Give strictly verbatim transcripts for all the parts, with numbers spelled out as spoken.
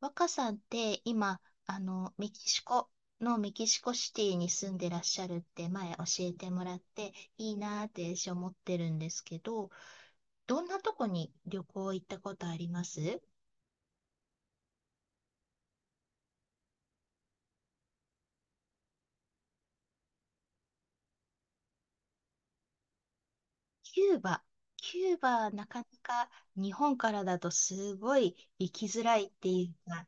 若さんって今、あの、メキシコのメキシコシティに住んでらっしゃるって前教えてもらって、いいなーって私思ってるんですけど、どんなとこに旅行行ったことあります？キューバ。キューバ、なかなか日本からだとすごい行きづらいっていうか、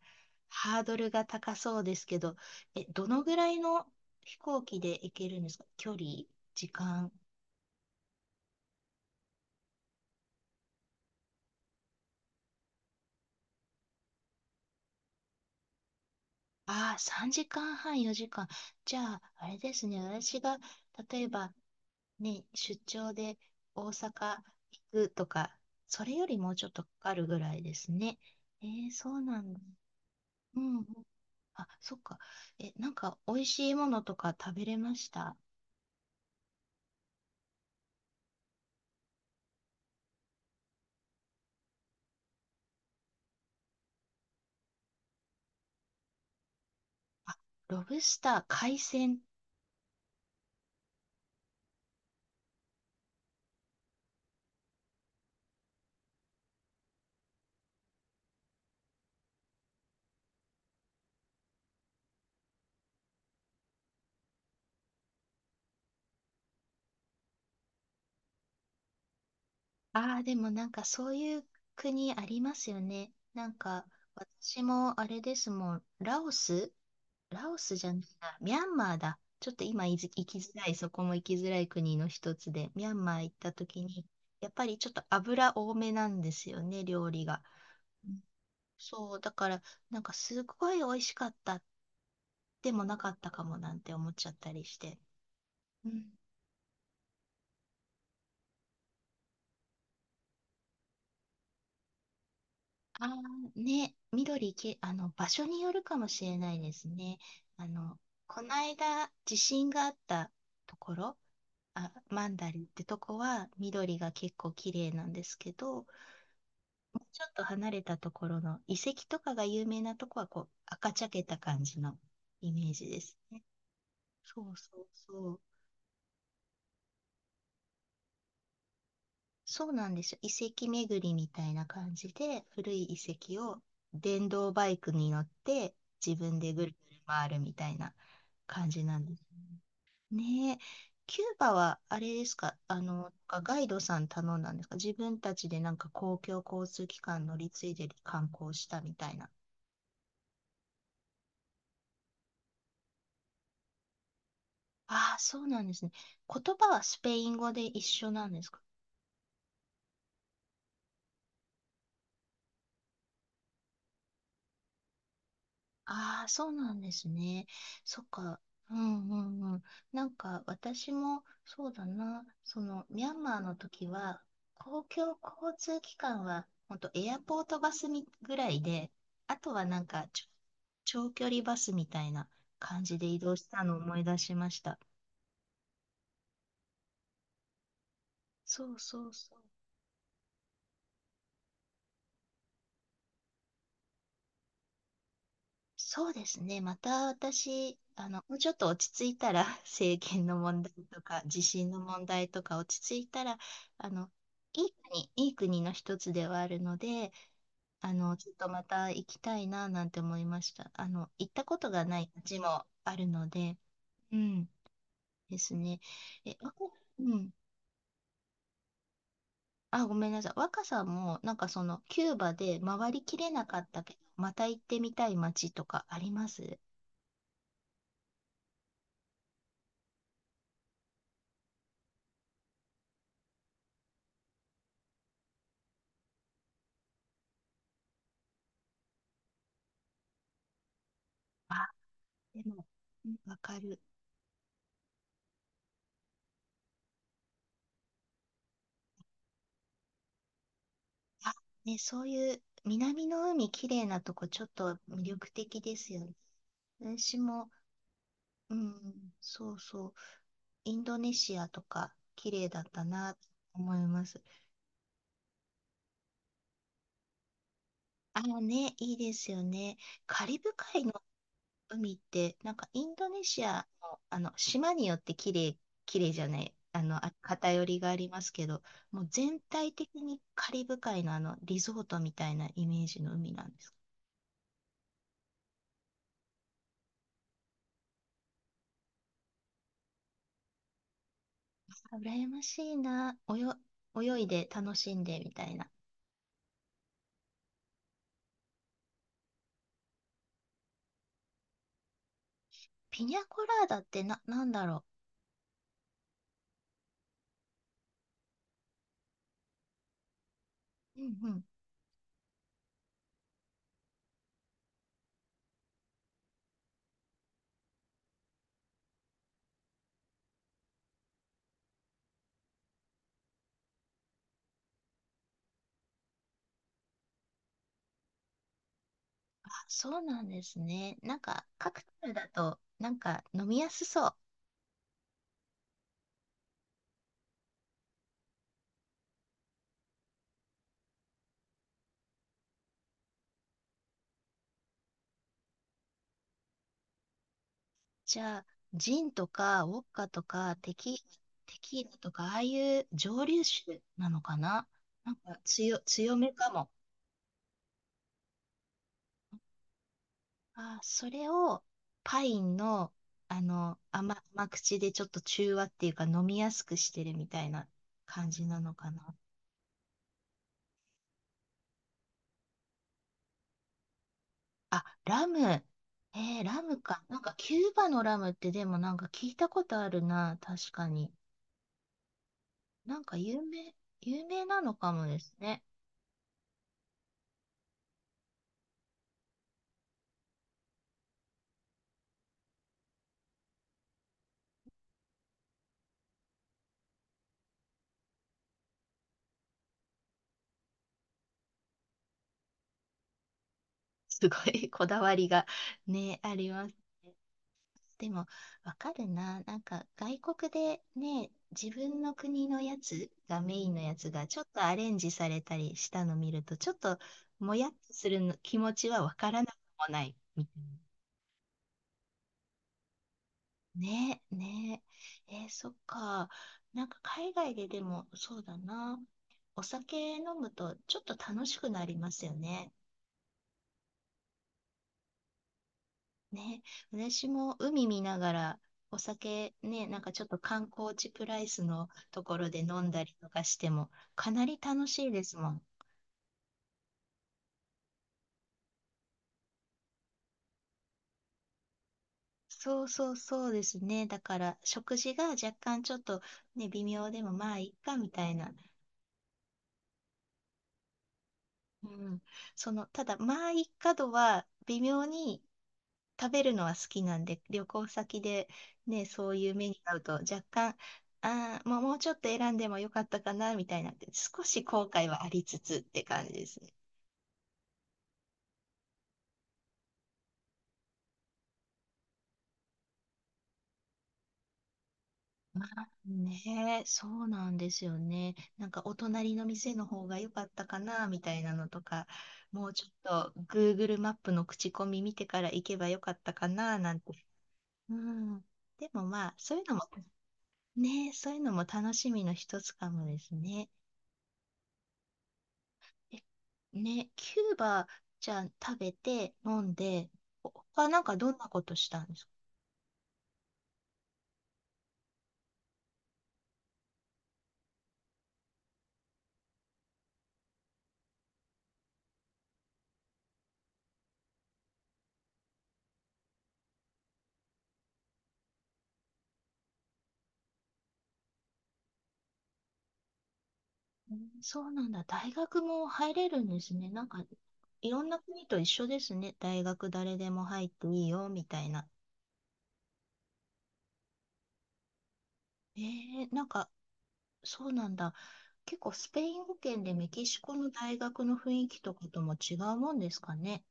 ハードルが高そうですけど、え、どのぐらいの飛行機で行けるんですか？距離、時間。ああ、さんじかんはん、よじかん。じゃあ、あれですね、私が、例えば、ね、出張で大阪行くとか、それよりもうちょっとかかるぐらいですね。えー、そうなんだ。うんうん。あ、そっか。え、なんか、美味しいものとか食べれました？あ、ロブスター、海鮮。ああ、でもなんか、そういう国ありますよね。なんか、私もあれですもん、ラオス、ラオスじゃないな、ミャンマーだ。ちょっと今いず行きづらい、そこも行きづらい国の一つで、ミャンマー行った時に、やっぱりちょっと油多めなんですよね、料理が。うん。そう、だから、なんかすごい美味しかったでもなかったかもなんて思っちゃったりして。うん。あーね、緑け、あの、場所によるかもしれないですね。あの、この間、地震があったところ、あ、マンダリってとこは緑が結構綺麗なんですけど、もうちょっと離れたところの遺跡とかが有名なとこはこう赤茶けた感じのイメージですね。そうそうそう。そうなんですよ。遺跡巡りみたいな感じで、古い遺跡を電動バイクに乗って自分でぐるぐる回るみたいな感じなんですね。ねえ、キューバはあれですか？あの、ガイドさん頼んだんですか？自分たちでなんか公共交通機関乗り継いで観光したみたいな。ああ、そうなんですね。言葉はスペイン語で一緒なんですか？ああ、そうなんですね。そっか。うんうんうん。なんか私もそうだな。そのミャンマーの時は公共交通機関は本当エアポートバスみぐらいで、あとはなんかちょ長距離バスみたいな感じで移動したのを思い出しました。そうそうそう。そうですね。また私、あの、もうちょっと落ち着いたら、政権の問題とか、地震の問題とか落ち着いたら、あの、いい国、いい国の一つではあるので、あの、ちょっとまた行きたいな、なんて思いました。あの、行ったことがない街もあるので、うん、ですね。え、わこうん。あ、ごめんなさい。若さんも、なんかその、キューバで回りきれなかったけど、また行ってみたい街とかあります？あ、でも、うん。わかる。あ、ね、そういう南の海きれいなとこちょっと魅力的ですよね。私も、うん、そうそう、インドネシアとか綺麗だったなと思います。あのね、いいですよね。カリブ海の海って、なんかインドネシアの、あの島によって綺麗、綺麗じゃない、あの、あ偏りがありますけど、もう全体的にカリブ海のあのリゾートみたいなイメージの海なんです。あ羨ましいな。およ、泳いで楽しんでみたいな。ピニャコラーダってな、なんだろう。うんうん。あ、そうなんですね。なんか、カクテルだと、なんか飲みやすそう。じゃあ、ジンとか、ウォッカとか、テキ、テキーラとか、ああいう蒸留酒なのかな。なんか強、強めかも。あ、それを、パインの、あの、甘、甘口でちょっと中和っていうか、飲みやすくしてるみたいな感じなのかな。あ、ラム。えー、ラムか。なんか、キューバのラムってでもなんか聞いたことあるな、確かに。なんか有名、有名なのかもですね。すごい こだわりがね、ありますね。でも、わかるな。なんか、外国でね、自分の国のやつがメインのやつがちょっとアレンジされたりしたの見ると、ちょっともやっとするの気持ちはわからなくもない。なねえ、ねえ。えーそっか。なんか海外ででもそうだな。お酒飲むとちょっと楽しくなりますよね。ね。私も海見ながらお酒ね、なんかちょっと観光地プライスのところで飲んだりとかしてもかなり楽しいですもん。そうそうそうですね。だから食事が若干ちょっとね、微妙でもまあいっかみたいな。うん。その、ただまあいっか度は微妙に食べるのは好きなんで、旅行先でね、そういう目に遭うと若干、ああ、もう、もうちょっと選んでもよかったかな、みたいなって、少し後悔はありつつって感じですね。ねえ、そうなんですよね。なんかお隣の店の方が良かったかなみたいなのとか、もうちょっと Google マップの口コミ見てから行けば良かったかななんて。うん。でもまあ、そういうのもねえ、そういうのも楽しみの一つかもですね。えね、キューバじゃん食べて飲んで、ほ他なんかどんなことしたんですか？うん。そうなんだ。大学も入れるんですね。なんか、いろんな国と一緒ですね。大学誰でも入っていいよ、みたいな。えー、なんか、そうなんだ。結構スペイン語圏でメキシコの大学の雰囲気とかとも違うもんですかね？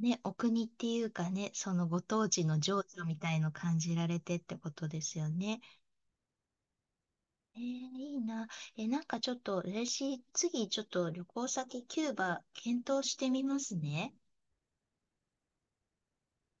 ね、お国っていうかね、そのご当地の情緒みたいの感じられてってことですよね。えー、いいな。え、なんかちょっと嬉しい。次、ちょっと旅行先キューバ検討してみますね。